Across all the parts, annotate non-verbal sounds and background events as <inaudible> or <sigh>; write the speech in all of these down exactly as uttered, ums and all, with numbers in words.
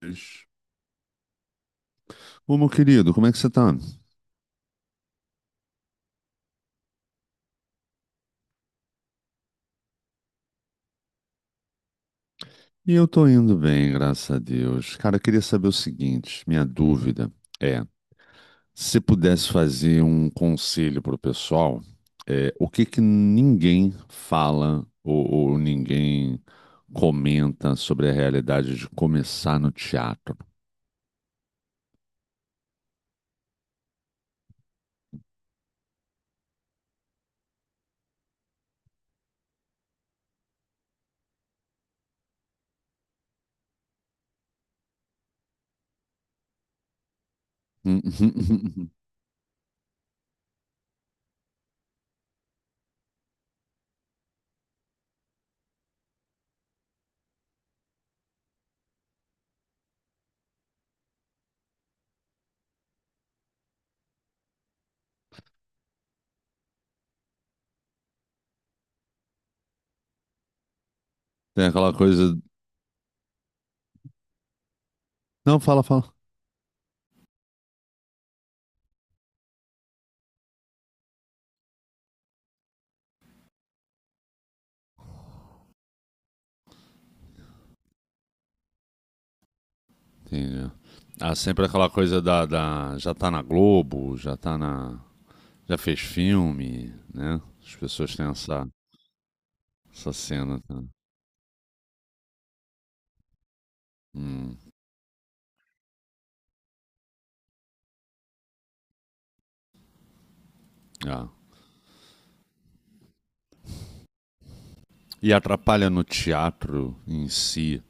Deus. Ô, meu querido, como é que você tá? E eu tô indo bem, graças a Deus. Cara, eu queria saber o seguinte, minha dúvida é, se pudesse fazer um conselho pro pessoal, é, o que que ninguém fala ou, ou ninguém comenta sobre a realidade de começar no teatro? <laughs> Tem aquela coisa. Não, fala, fala. Entendi. Ah, sempre aquela coisa da, da... Já tá na Globo, já tá na. Já fez filme, né? As pessoas têm essa, essa cena, tá? Hum, ah. E atrapalha no teatro em si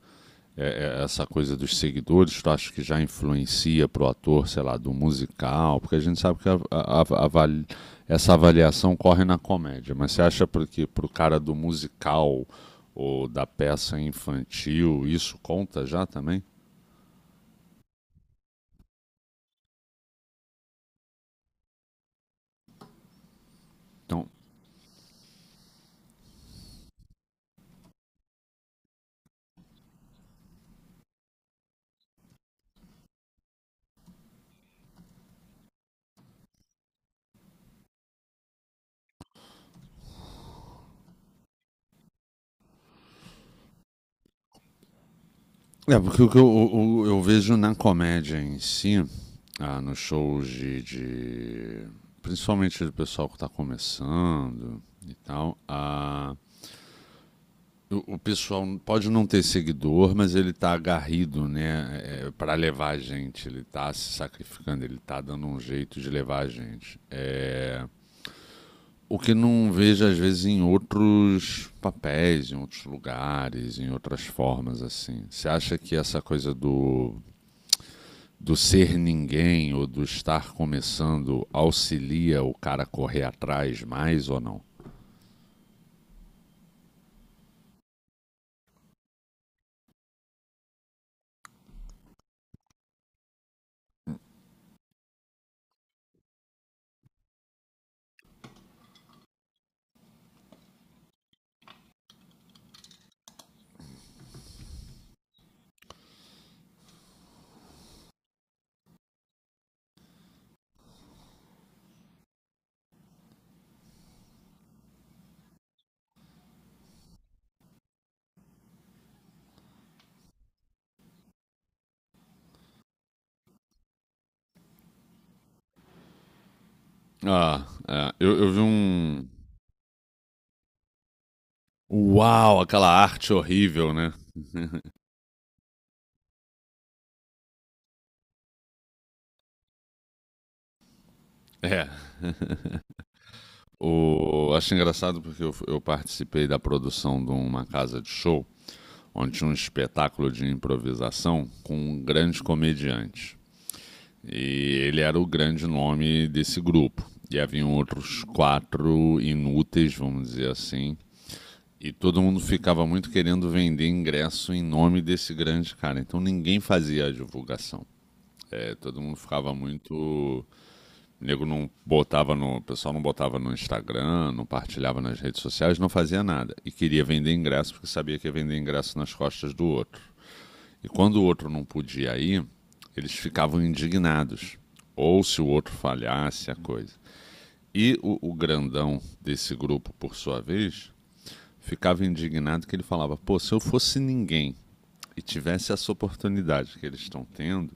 é- é essa coisa dos seguidores? Tu acha que já influencia pro ator, sei lá, do musical? Porque a gente sabe que a- a- a- avali- essa avaliação corre na comédia, mas você acha porque pro cara do musical ou da peça infantil isso conta já também? Então. É, porque o que eu, o- eu vejo na comédia em si, ah, nos shows de, de- Principalmente do pessoal que está começando e tal, ah, o, o pessoal pode não ter seguidor, mas ele está agarrido, né, é, para levar a gente. Ele está se sacrificando, ele está dando um jeito de levar a gente. É, o que não vejo, às vezes, em outros papéis, em outros lugares, em outras formas, assim. Você acha que essa coisa do do ser ninguém ou do estar começando auxilia o cara a correr atrás mais ou não? Ah, é, eu, eu vi um. Uau, aquela arte horrível, né? <laughs> É. <laughs> O, acho engraçado porque eu, eu participei da produção de uma casa de show onde tinha um espetáculo de improvisação com um grande comediante. E ele era o grande nome desse grupo. E haviam outros quatro inúteis, vamos dizer assim. E todo mundo ficava muito querendo vender ingresso em nome desse grande cara. Então ninguém fazia a divulgação. É, todo mundo ficava muito. O nego não botava no. O pessoal não botava no Instagram, não partilhava nas redes sociais, não fazia nada. E queria vender ingresso porque sabia que ia vender ingresso nas costas do outro. E quando o outro não podia ir, eles ficavam indignados. Ou se o outro falhasse a coisa. E o, o grandão desse grupo, por sua vez, ficava indignado que ele falava: pô, se eu fosse ninguém e tivesse essa oportunidade que eles estão tendo,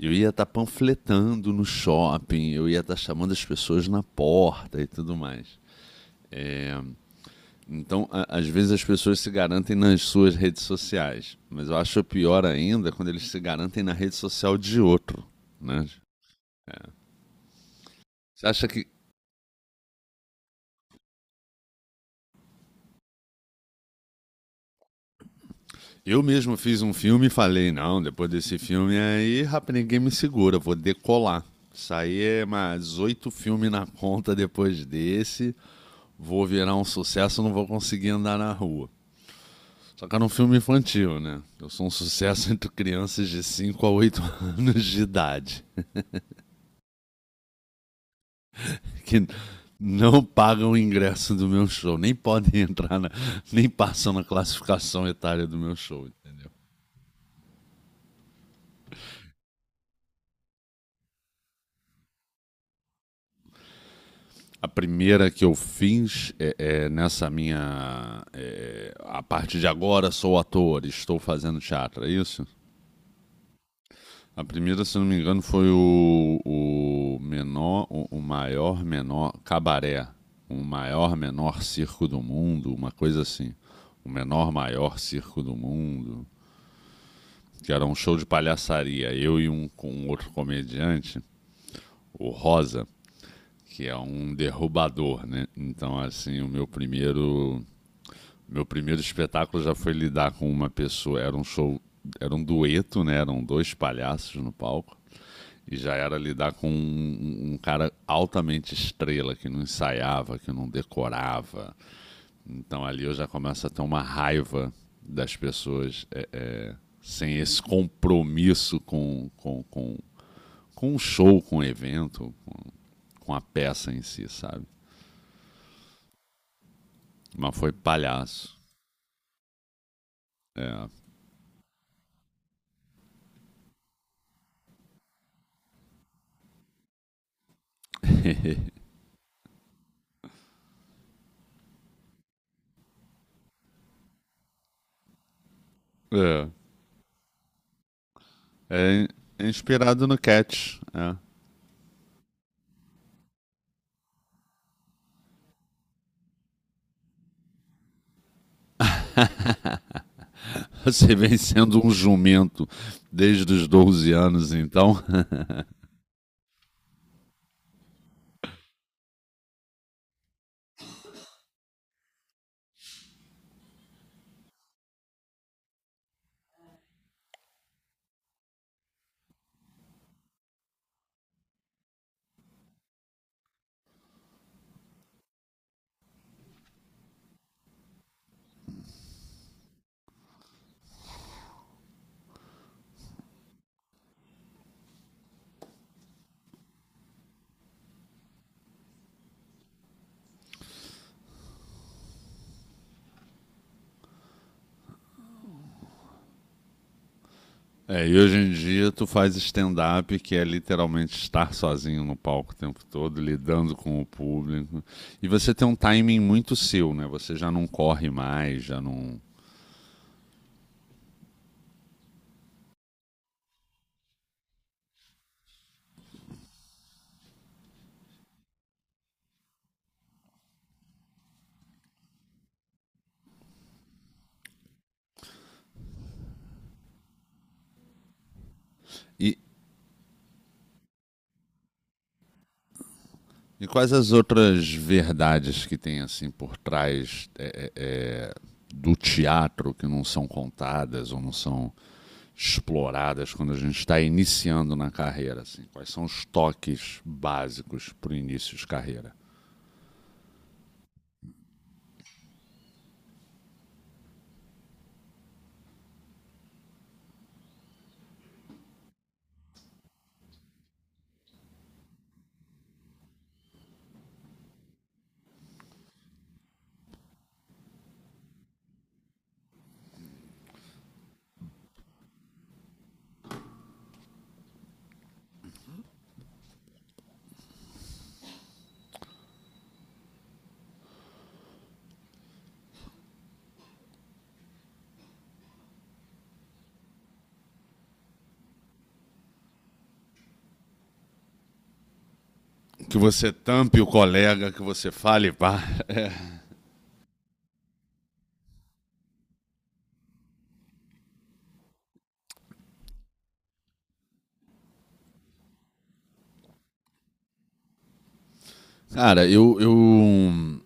eu ia estar tá panfletando no shopping, eu ia estar tá chamando as pessoas na porta e tudo mais. É, então, a, às vezes as pessoas se garantem nas suas redes sociais, mas eu acho pior ainda quando eles se garantem na rede social de outro. Né? É. Você acha que... Eu mesmo fiz um filme e falei: não, depois desse filme aí, rapaz, ninguém me segura, vou decolar. Saí é mais oito filmes na conta depois desse, vou virar um sucesso, não vou conseguir andar na rua. Só que era um filme infantil, né? Eu sou um sucesso <laughs> entre crianças de cinco a oito <laughs> anos de idade, que não pagam o ingresso do meu show, nem podem <laughs> entrar, na, nem passam na classificação etária do meu show. A primeira que eu fiz. É, é, nessa minha A partir de agora sou ator, estou fazendo teatro, é isso? A primeira, se não me engano, foi o, o menor, o, o maior menor cabaré, o maior menor circo do mundo, uma coisa assim, o menor maior circo do mundo, que era um show de palhaçaria, eu e um, com um outro comediante, o Rosa, que é um derrubador, né? Então, assim, o meu primeiro Meu primeiro espetáculo já foi lidar com uma pessoa, era um show, era um dueto, né? Eram dois palhaços no palco. E já era lidar com um, um um cara altamente estrela, que não ensaiava, que não decorava. Então ali eu já começo a ter uma raiva das pessoas, é, é, sem esse compromisso com, com, com, com o show, com o evento, com a peça em si, sabe? Mas foi palhaço. É. <laughs> É. É inspirado no Cat. É. <laughs> Você vem sendo um jumento desde os doze anos, então. <laughs> É, e hoje em dia tu faz stand-up, que é literalmente estar sozinho no palco o tempo todo, lidando com o público. E você tem um timing muito seu, né? Você já não corre mais, já não. E, E quais as outras verdades que tem assim por trás, é, é, é, do teatro, que não são contadas ou não são exploradas quando a gente está iniciando na carreira? Assim? Quais são os toques básicos para o início de carreira? Que você tampe o colega, que você fale, pá. Cara, eu, eu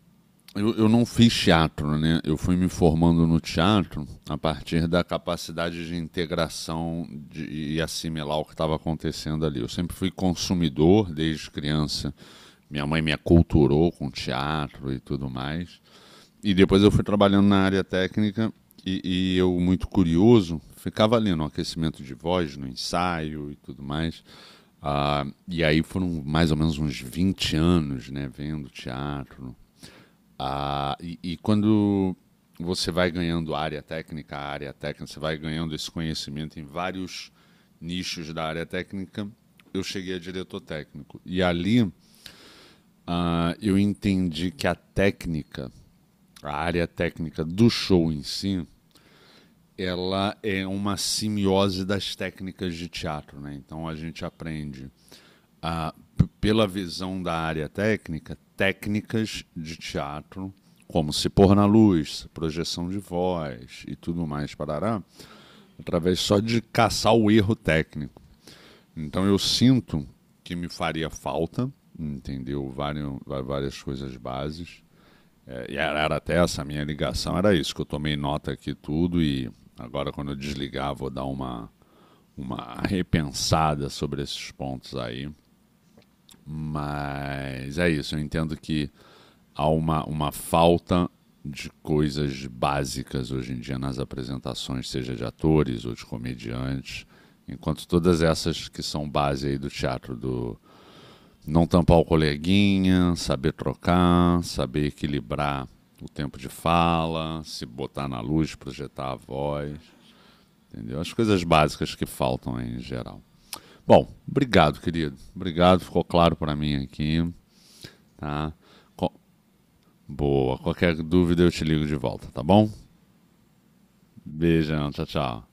Eu, eu não fiz teatro, né? Eu fui me formando no teatro a partir da capacidade de integração de, e assimilar o que estava acontecendo ali. Eu sempre fui consumidor desde criança. Minha mãe me aculturou com teatro e tudo mais. E depois eu fui trabalhando na área técnica, e, e eu, muito curioso, ficava ali no aquecimento de voz, no ensaio e tudo mais. Ah, e aí foram mais ou menos uns vinte anos, né, vendo teatro, ah, e, e quando você vai ganhando área técnica, área técnica, você vai ganhando esse conhecimento em vários nichos da área técnica, eu cheguei a diretor técnico. E ali ah, eu entendi que a técnica, a área técnica do show em si, ela é uma simiose das técnicas de teatro, né? Então a gente aprende, ah, pela visão da área técnica, técnicas de teatro, como se pôr na luz, projeção de voz e tudo mais, parará, através só de caçar o erro técnico. Então eu sinto que me faria falta, entendeu? Várias, várias coisas bases. É, e era até essa minha ligação, era isso, que eu tomei nota aqui tudo e agora quando eu desligar vou dar uma, uma repensada sobre esses pontos aí, mas é isso, eu entendo que há uma, uma falta de coisas básicas hoje em dia nas apresentações, seja de atores ou de comediantes. Enquanto todas essas que são base aí do teatro, do não tampar o coleguinha, saber trocar, saber equilibrar o tempo de fala, se botar na luz, projetar a voz, entendeu? As coisas básicas que faltam aí em geral. Bom, obrigado, querido. Obrigado, ficou claro para mim aqui. Tá? Co- Boa. Qualquer dúvida eu te ligo de volta, tá bom? Beijão, tchau, tchau.